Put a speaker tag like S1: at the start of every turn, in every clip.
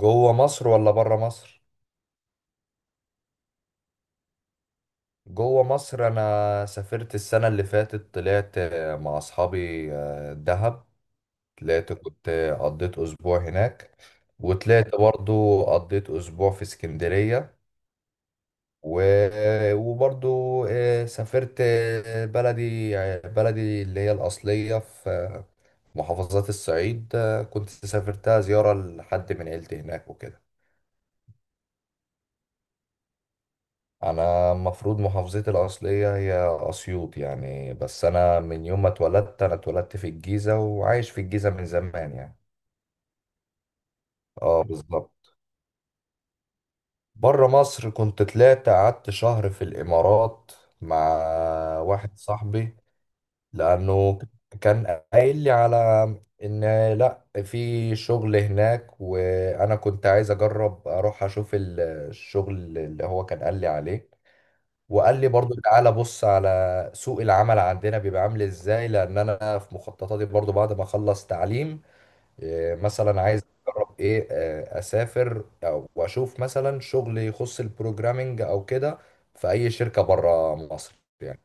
S1: جوه مصر ولا بره مصر؟ جوه مصر، انا سافرت السنه اللي فاتت، طلعت مع اصحابي دهب. طلعت كنت قضيت اسبوع هناك. وطلعت برضو قضيت اسبوع في اسكندريه. و- وبرضو سافرت بلدي، بلدي اللي هي الاصليه في محافظات الصعيد. كنت سافرتها زياره لحد من عيلتي هناك وكده. انا المفروض محافظتي الاصليه هي اسيوط يعني، بس انا من يوم ما اتولدت، انا اتولدت في الجيزه وعايش في الجيزه من زمان يعني. اه، بالظبط. بره مصر كنت طلعت قعدت شهر في الامارات مع واحد صاحبي، لانه كان قايل لي على ان لا، في شغل هناك، وانا كنت عايز اجرب اروح اشوف الشغل اللي هو كان قال لي عليه. وقال لي برضو تعالى بص على سوق العمل عندنا بيبقى عامل ازاي، لان انا في مخططاتي برضو بعد ما اخلص تعليم، مثلا عايز اجرب ايه، اسافر او واشوف مثلا شغل يخص البروجرامينج او كده في اي شركة بره مصر يعني.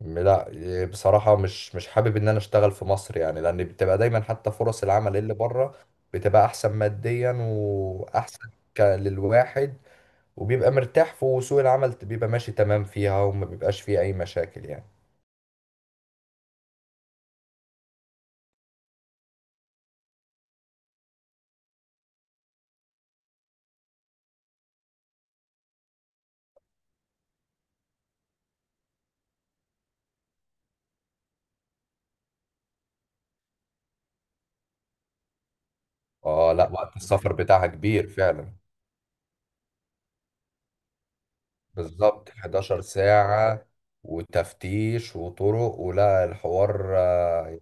S1: لا، بصراحة مش حابب ان انا اشتغل في مصر يعني، لان بتبقى دايما حتى فرص العمل اللي بره بتبقى احسن ماديا واحسن للواحد. وبيبقى مرتاح في وسوق العمل بيبقى ماشي تمام فيها، وما بيبقاش فيه أي مشاكل يعني. اه لا، وقت السفر بتاعها كبير فعلا. بالظبط 11 ساعة، وتفتيش وطرق، ولا الحوار يعني.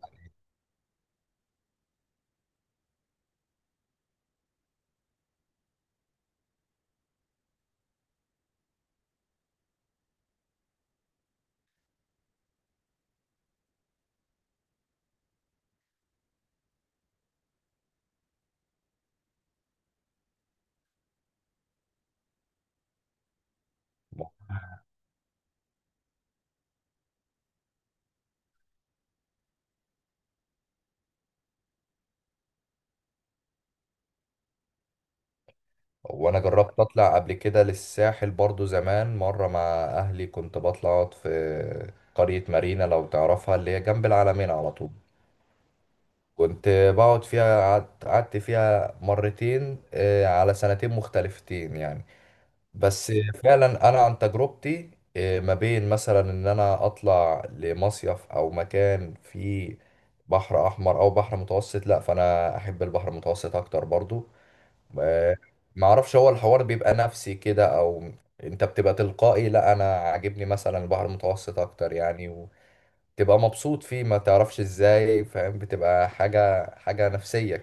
S1: وانا جربت اطلع قبل كده للساحل برضو زمان مرة مع اهلي، كنت بطلع اقعد في قرية مارينا، لو تعرفها، اللي هي جنب العلمين على طول. كنت بقعد فيها، قعدت فيها مرتين على سنتين مختلفتين يعني. بس فعلا انا عن تجربتي، ما بين مثلا ان انا اطلع لمصيف او مكان فيه بحر احمر او بحر متوسط، لا، فانا احب البحر المتوسط اكتر برضو. آه، ما اعرفش، هو الحوار بيبقى نفسي كده او انت بتبقى تلقائي، لا انا عاجبني مثلا البحر المتوسط اكتر يعني. وتبقى مبسوط فيه ما تعرفش ازاي، فاهم، بتبقى حاجة نفسية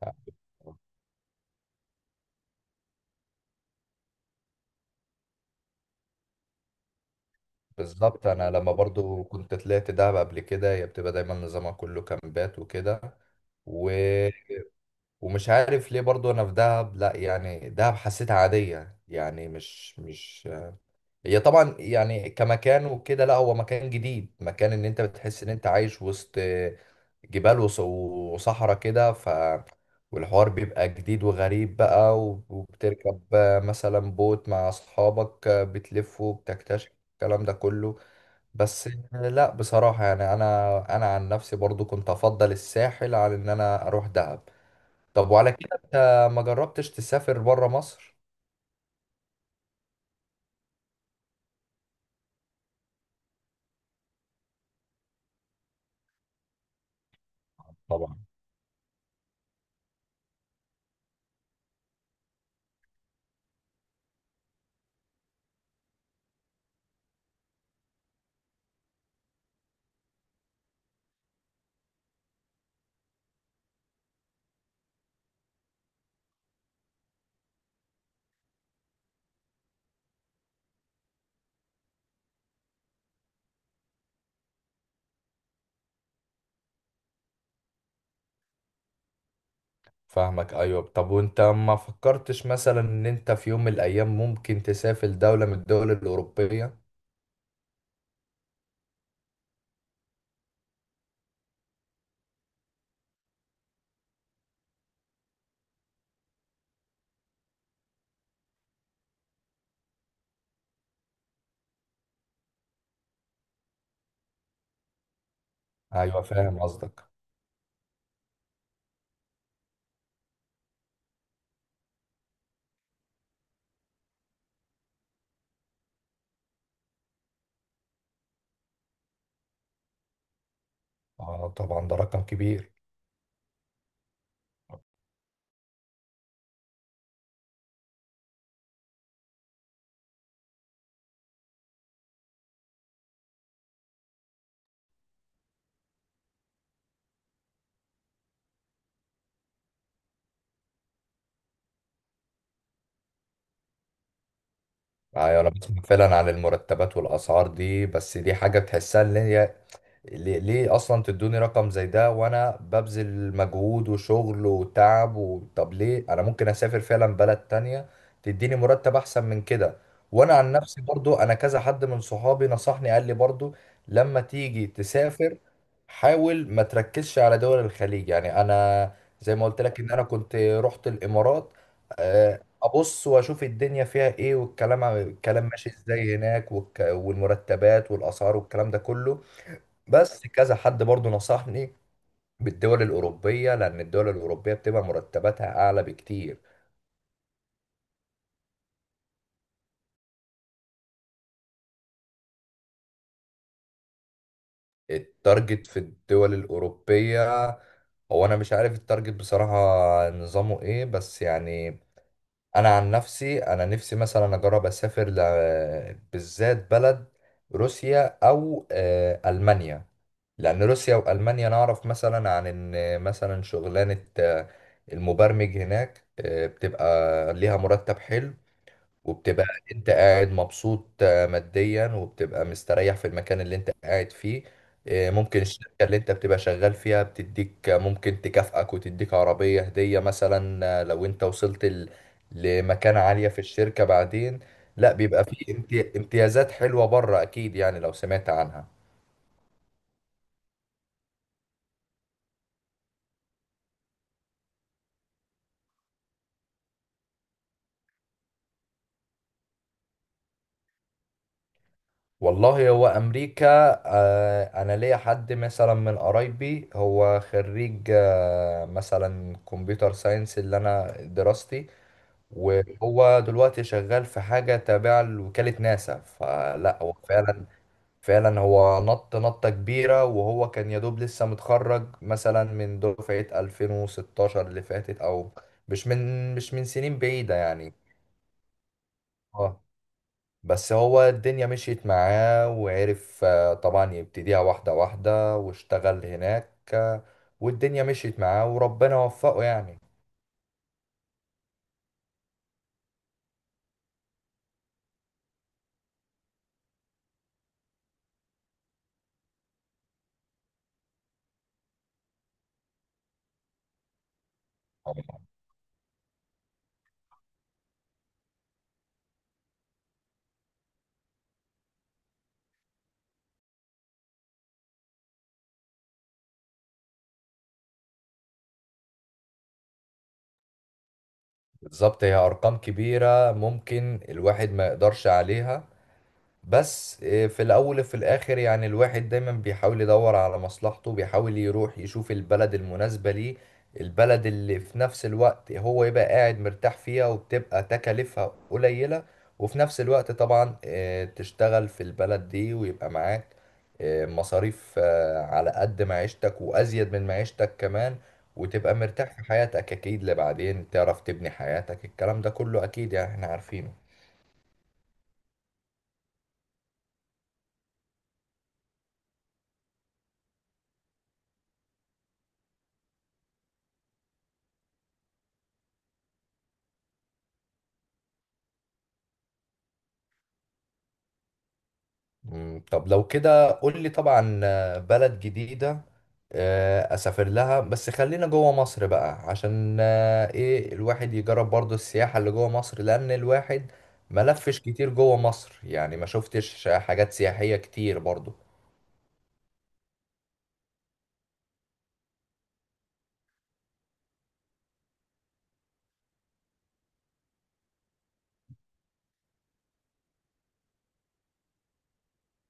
S1: كده. بالظبط، انا لما برضو كنت طلعت دهب قبل كده، هي بتبقى دايما نظامها كله كامبات وكده. و... ومش عارف ليه، برضو انا في دهب لا يعني، دهب حسيتها عادية يعني، مش. هي طبعا يعني كمكان وكده، لا هو مكان جديد، مكان ان انت بتحس ان انت عايش وسط جبال وص- وصحراء كده، والحوار بيبقى جديد وغريب بقى، وب- وبتركب مثلا بوت مع اصحابك بتلفوا بتكتشف الكلام ده كله. بس لا، بصراحة يعني، انا عن نفسي برضو كنت افضل الساحل عن ان انا اروح دهب. طب وعلى كده انت ما جربتش تسافر برا مصر؟ طبعا، فاهمك. ايوه، طب وانت ما فكرتش مثلا ان انت في يوم من الايام ممكن تسافر دولة من الدول الاوروبية؟ ايوه، فاهم قصدك. اه، طبعا ده رقم كبير. ايوه، انا بسمع فعلا عن المرتبات والاسعار دي، بس دي حاجة تحسها ان هي ليه، اصلا تدوني رقم زي ده، وانا ببذل مجهود وشغل وتعب، طب ليه انا ممكن اسافر فعلا بلد تانية تديني مرتب احسن من كده؟ وانا عن نفسي برضو، انا كذا حد من صحابي نصحني، قال لي برضو لما تيجي تسافر حاول ما تركزش على دول الخليج يعني. انا زي ما قلت لك ان انا كنت رحت الامارات، ابص واشوف الدنيا فيها ايه، والكلام ماشي ازاي هناك، والك- والمرتبات والاسعار والكلام ده كله. بس كذا حد برضو نصحني بالدول الأوروبية، لأن الدول الأوروبية بتبقى مرتباتها أعلى بكتير. التارجت في الدول الأوروبية، هو أنا مش عارف التارجت بصراحة نظامه إيه، بس يعني أنا عن نفسي، أنا نفسي مثلا أجرب أسافر بالذات بلد، روسيا أو ألمانيا، لأن روسيا وألمانيا نعرف مثلا عن إن مثلا شغلانة المبرمج هناك بتبقى ليها مرتب حلو، وبتبقى انت قاعد مبسوط ماديا، وبتبقى مستريح في المكان اللي انت قاعد فيه. ممكن الشركة اللي انت بتبقى شغال فيها بتديك، ممكن تكافئك وتديك عربية هدية مثلا، لو انت وصلت ل- لمكانة عالية في الشركة بعدين. لا، بيبقى فيه امتيازات حلوة بره اكيد يعني، لو سمعت عنها. والله، هو امريكا، انا ليا حد مثلا من قرايبي، هو خريج مثلا كمبيوتر ساينس، اللي انا دراستي، وهو دلوقتي شغال في حاجة تابعة لوكالة ناسا، فلا هو فعلا. فعلا هو نطة كبيرة، وهو كان يدوب لسه متخرج مثلا من دفعة 2016 اللي فاتت، أو مش من سنين بعيدة يعني. اه، بس هو الدنيا مشيت معاه، وعرف طبعا يبتديها واحدة واحدة، واشتغل هناك، والدنيا مشيت معاه وربنا وفقه يعني. بالظبط، هي ارقام كبيره ممكن الواحد ما يقدرش عليها. بس في الأول وفي الآخر يعني، الواحد دايما بيحاول يدور على مصلحته، بيحاول يروح يشوف البلد المناسبة ليه، البلد اللي في نفس الوقت هو يبقى قاعد مرتاح فيها، وبتبقى تكاليفها قليلة، وفي نفس الوقت طبعا تشتغل في البلد دي، ويبقى معاك مصاريف على قد معيشتك وأزيد من معيشتك كمان، وتبقى مرتاح في حياتك أكيد، لبعدين تعرف تبني حياتك، الكلام ده كله أكيد يعني، احنا عارفينه. طب لو كده قول لي، طبعا بلد جديدة أسافر لها، بس خلينا جوه مصر بقى عشان الواحد يجرب برضو السياحة اللي جوه مصر، لأن الواحد ملفش كتير جوه مصر يعني، ما شفتش حاجات سياحية كتير برضو.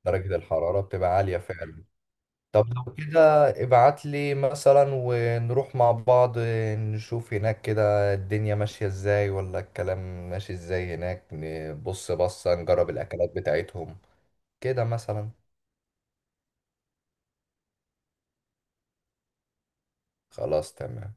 S1: درجة الحرارة بتبقى عالية فعلا. طب لو كده ابعت لي مثلا ونروح مع بعض، نشوف هناك كده الدنيا ماشية ازاي ولا الكلام ماشي ازاي هناك، نبص بصة نجرب الأكلات بتاعتهم كده مثلا. خلاص، تمام.